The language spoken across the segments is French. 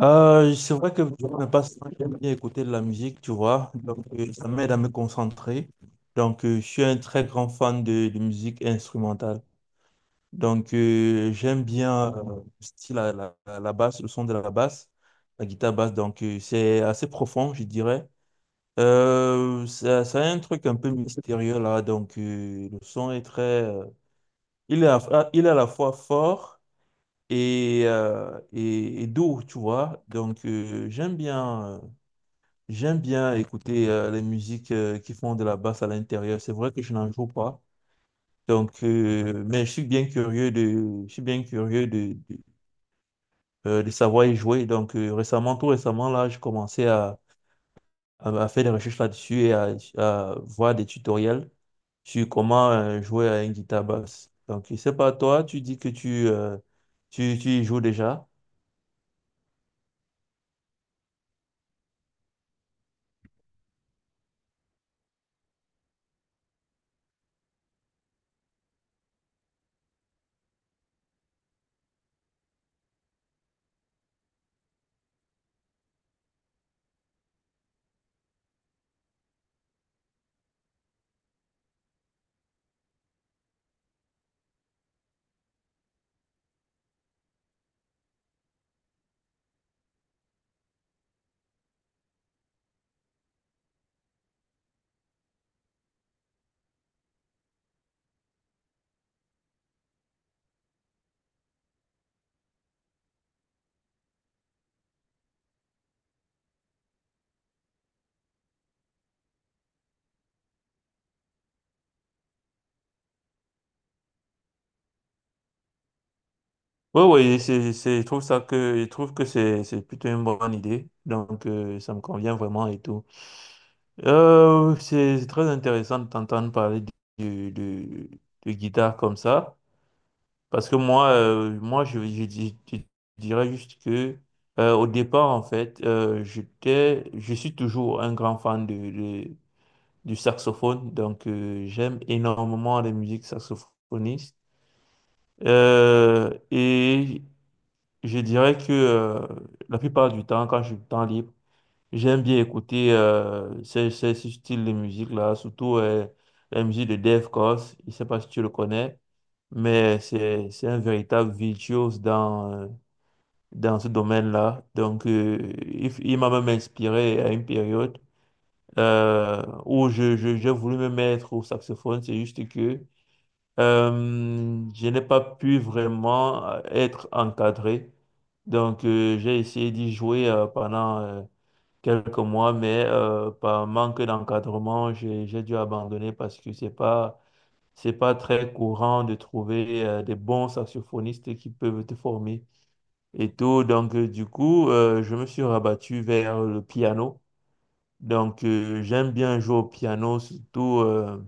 C'est vrai que je ne passe pas j'aime bien écouter de la musique, tu vois. Donc, ça m'aide à me concentrer. Donc, je suis un très grand fan de musique instrumentale. Donc, j'aime bien le style à la basse, le son de la basse, la guitare basse. Donc, c'est assez profond, je dirais. Ça a un truc un peu mystérieux là. Donc, le son est très, il est à la fois fort et doux, tu vois. Donc, J'aime bien écouter les musiques qui font de la basse à l'intérieur. C'est vrai que je n'en joue pas. Donc, mais je suis bien curieux de savoir y jouer. Donc, récemment, tout récemment, là, j'ai commencé à faire des recherches là-dessus et à voir des tutoriels sur comment jouer à une guitare basse. Donc, je sais pas, toi, tu dis que tu y joues déjà. Oui, oui, je trouve que c'est plutôt une bonne idée. Donc, ça me convient vraiment et tout. C'est c'est très intéressant de t'entendre parler de, de, de guitare comme ça, parce que moi, moi je dirais juste que au départ, en fait, je suis toujours un grand fan du saxophone, donc j'aime énormément les musiques saxophonistes. Et je dirais que la plupart du temps, quand j'ai du temps libre, j'aime bien écouter ce style de musique-là, surtout la musique de Dave Koz. Je ne sais pas si tu le connais, mais c'est un véritable virtuose dans, dans ce domaine-là. Donc, il m'a même inspiré à une période où j'ai voulu me mettre au saxophone. C'est juste que je n'ai pas pu vraiment être encadré. Donc, j'ai essayé d'y jouer pendant quelques mois, mais par manque d'encadrement, j'ai dû abandonner parce que c'est pas très courant de trouver des bons saxophonistes qui peuvent te former et tout. Donc, du coup, je me suis rabattu vers le piano. Donc, j'aime bien jouer au piano, surtout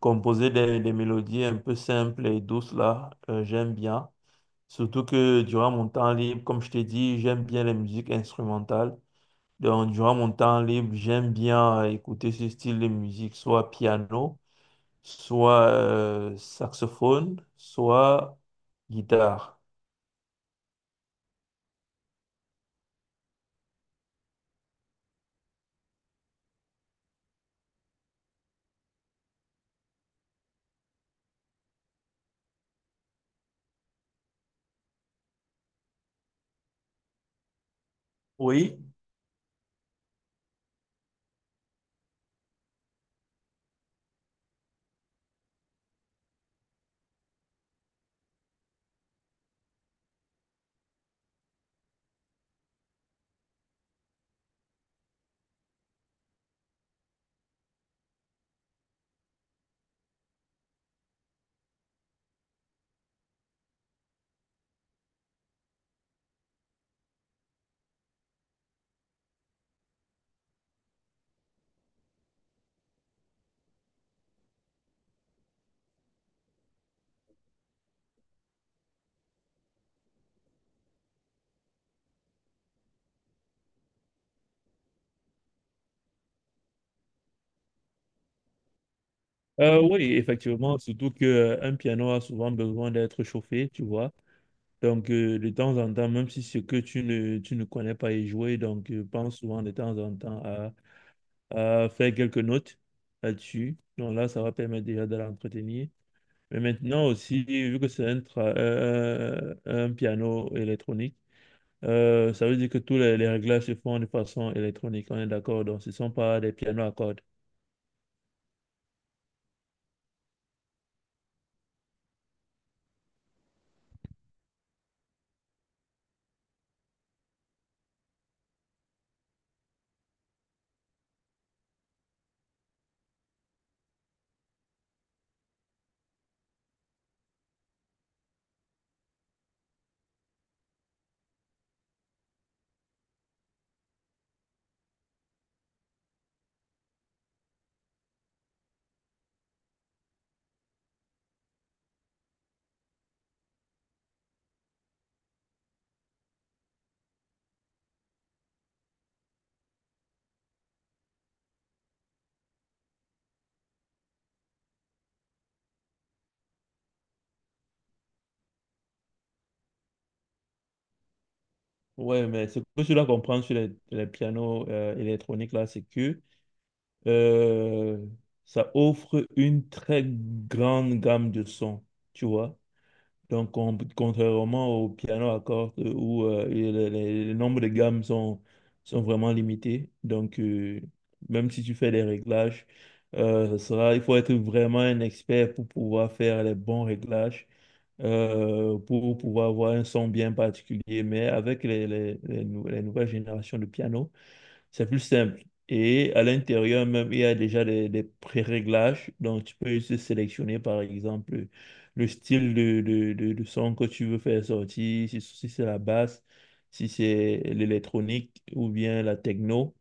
composer des mélodies un peu simples et douces là, j'aime bien. Surtout que durant mon temps libre, comme je t'ai dit, j'aime bien les musiques instrumentales. Donc, durant mon temps libre, j'aime bien écouter ce style de musique, soit piano, soit saxophone, soit guitare. Oui. Oui, effectivement, surtout que un piano a souvent besoin d'être chauffé, tu vois. Donc, de temps en temps, même si ce que tu ne connais pas y jouer, donc pense souvent de temps en temps à faire quelques notes là-dessus. Donc là, ça va permettre déjà de l'entretenir. Mais maintenant aussi, vu que c'est un piano électronique, ça veut dire que tous les réglages se font de façon électronique, on est d'accord, donc ce ne sont pas des pianos à cordes. Ouais, mais ce que je dois comprendre sur les pianos électroniques là, c'est que euh, ça offre une très grande gamme de sons, tu vois. Donc, contrairement au piano à cordes où les nombres de gammes sont vraiment limités. Donc, même si tu fais des réglages, il faut être vraiment un expert pour pouvoir faire les bons réglages, pour pouvoir avoir un son bien particulier. Mais avec les nouvelles générations de piano, c'est plus simple. Et à l'intérieur même, il y a déjà des pré-réglages. Donc, tu peux juste sélectionner, par exemple, le style de son que tu veux faire sortir, si c'est la basse, si c'est l'électronique ou bien la techno.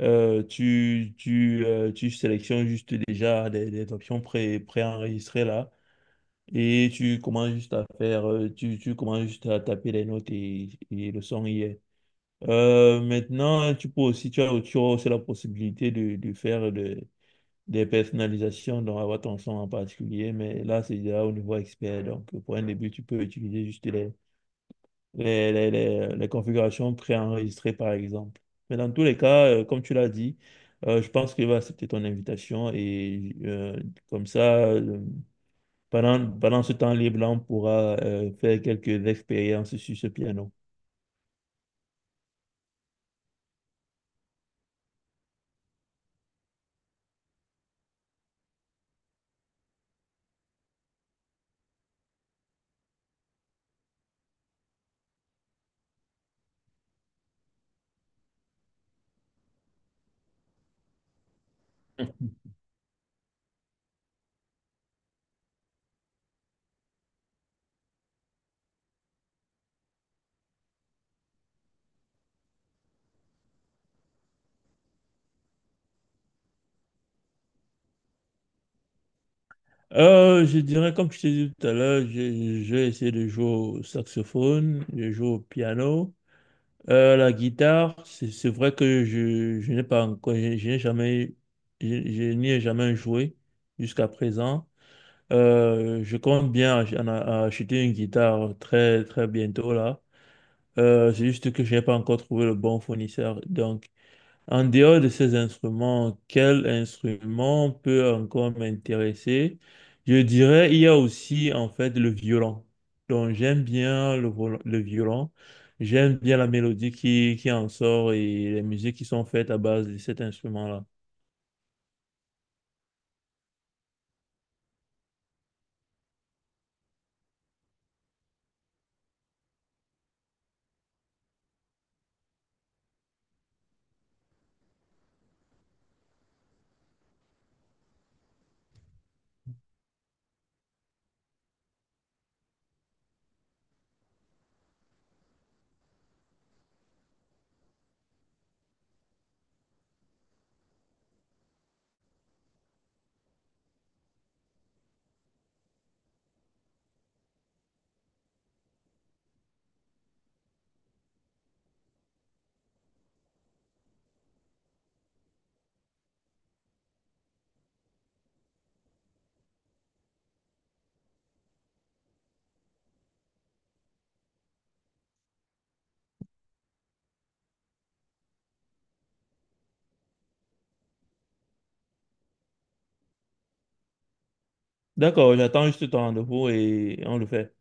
Tu sélectionnes juste déjà des options préenregistrées là. Et tu commences juste à faire, tu commences juste à taper les notes et le son y est. Maintenant, tu peux aussi, tu as aussi la possibilité de faire des personnalisations dans Avatar son en particulier, mais là, c'est déjà au niveau expert. Donc, pour un début, tu peux utiliser juste les configurations préenregistrées, par exemple. Mais dans tous les cas, comme tu l'as dit, je pense qu'il va accepter ton invitation et comme ça, euh, pendant ce temps libre-là, on pourra faire quelques expériences sur ce piano. Je dirais, comme je t'ai dit tout à l'heure, j'ai essayé de jouer au saxophone, je joue au piano. La guitare, c'est vrai que je n'ai pas encore, je n'ai jamais, je n'y ai jamais joué jusqu'à présent. Je compte bien acheter une guitare très, très bientôt là. C'est juste que je n'ai pas encore trouvé le bon fournisseur. Donc, en dehors de ces instruments, quel instrument peut encore m'intéresser? Je dirais, il y a aussi en fait le violon. Donc j'aime bien le le violon, j'aime bien la mélodie qui en sort et les musiques qui sont faites à base de cet instrument-là. D'accord, j'attends juste ton rendez-vous et on le fait.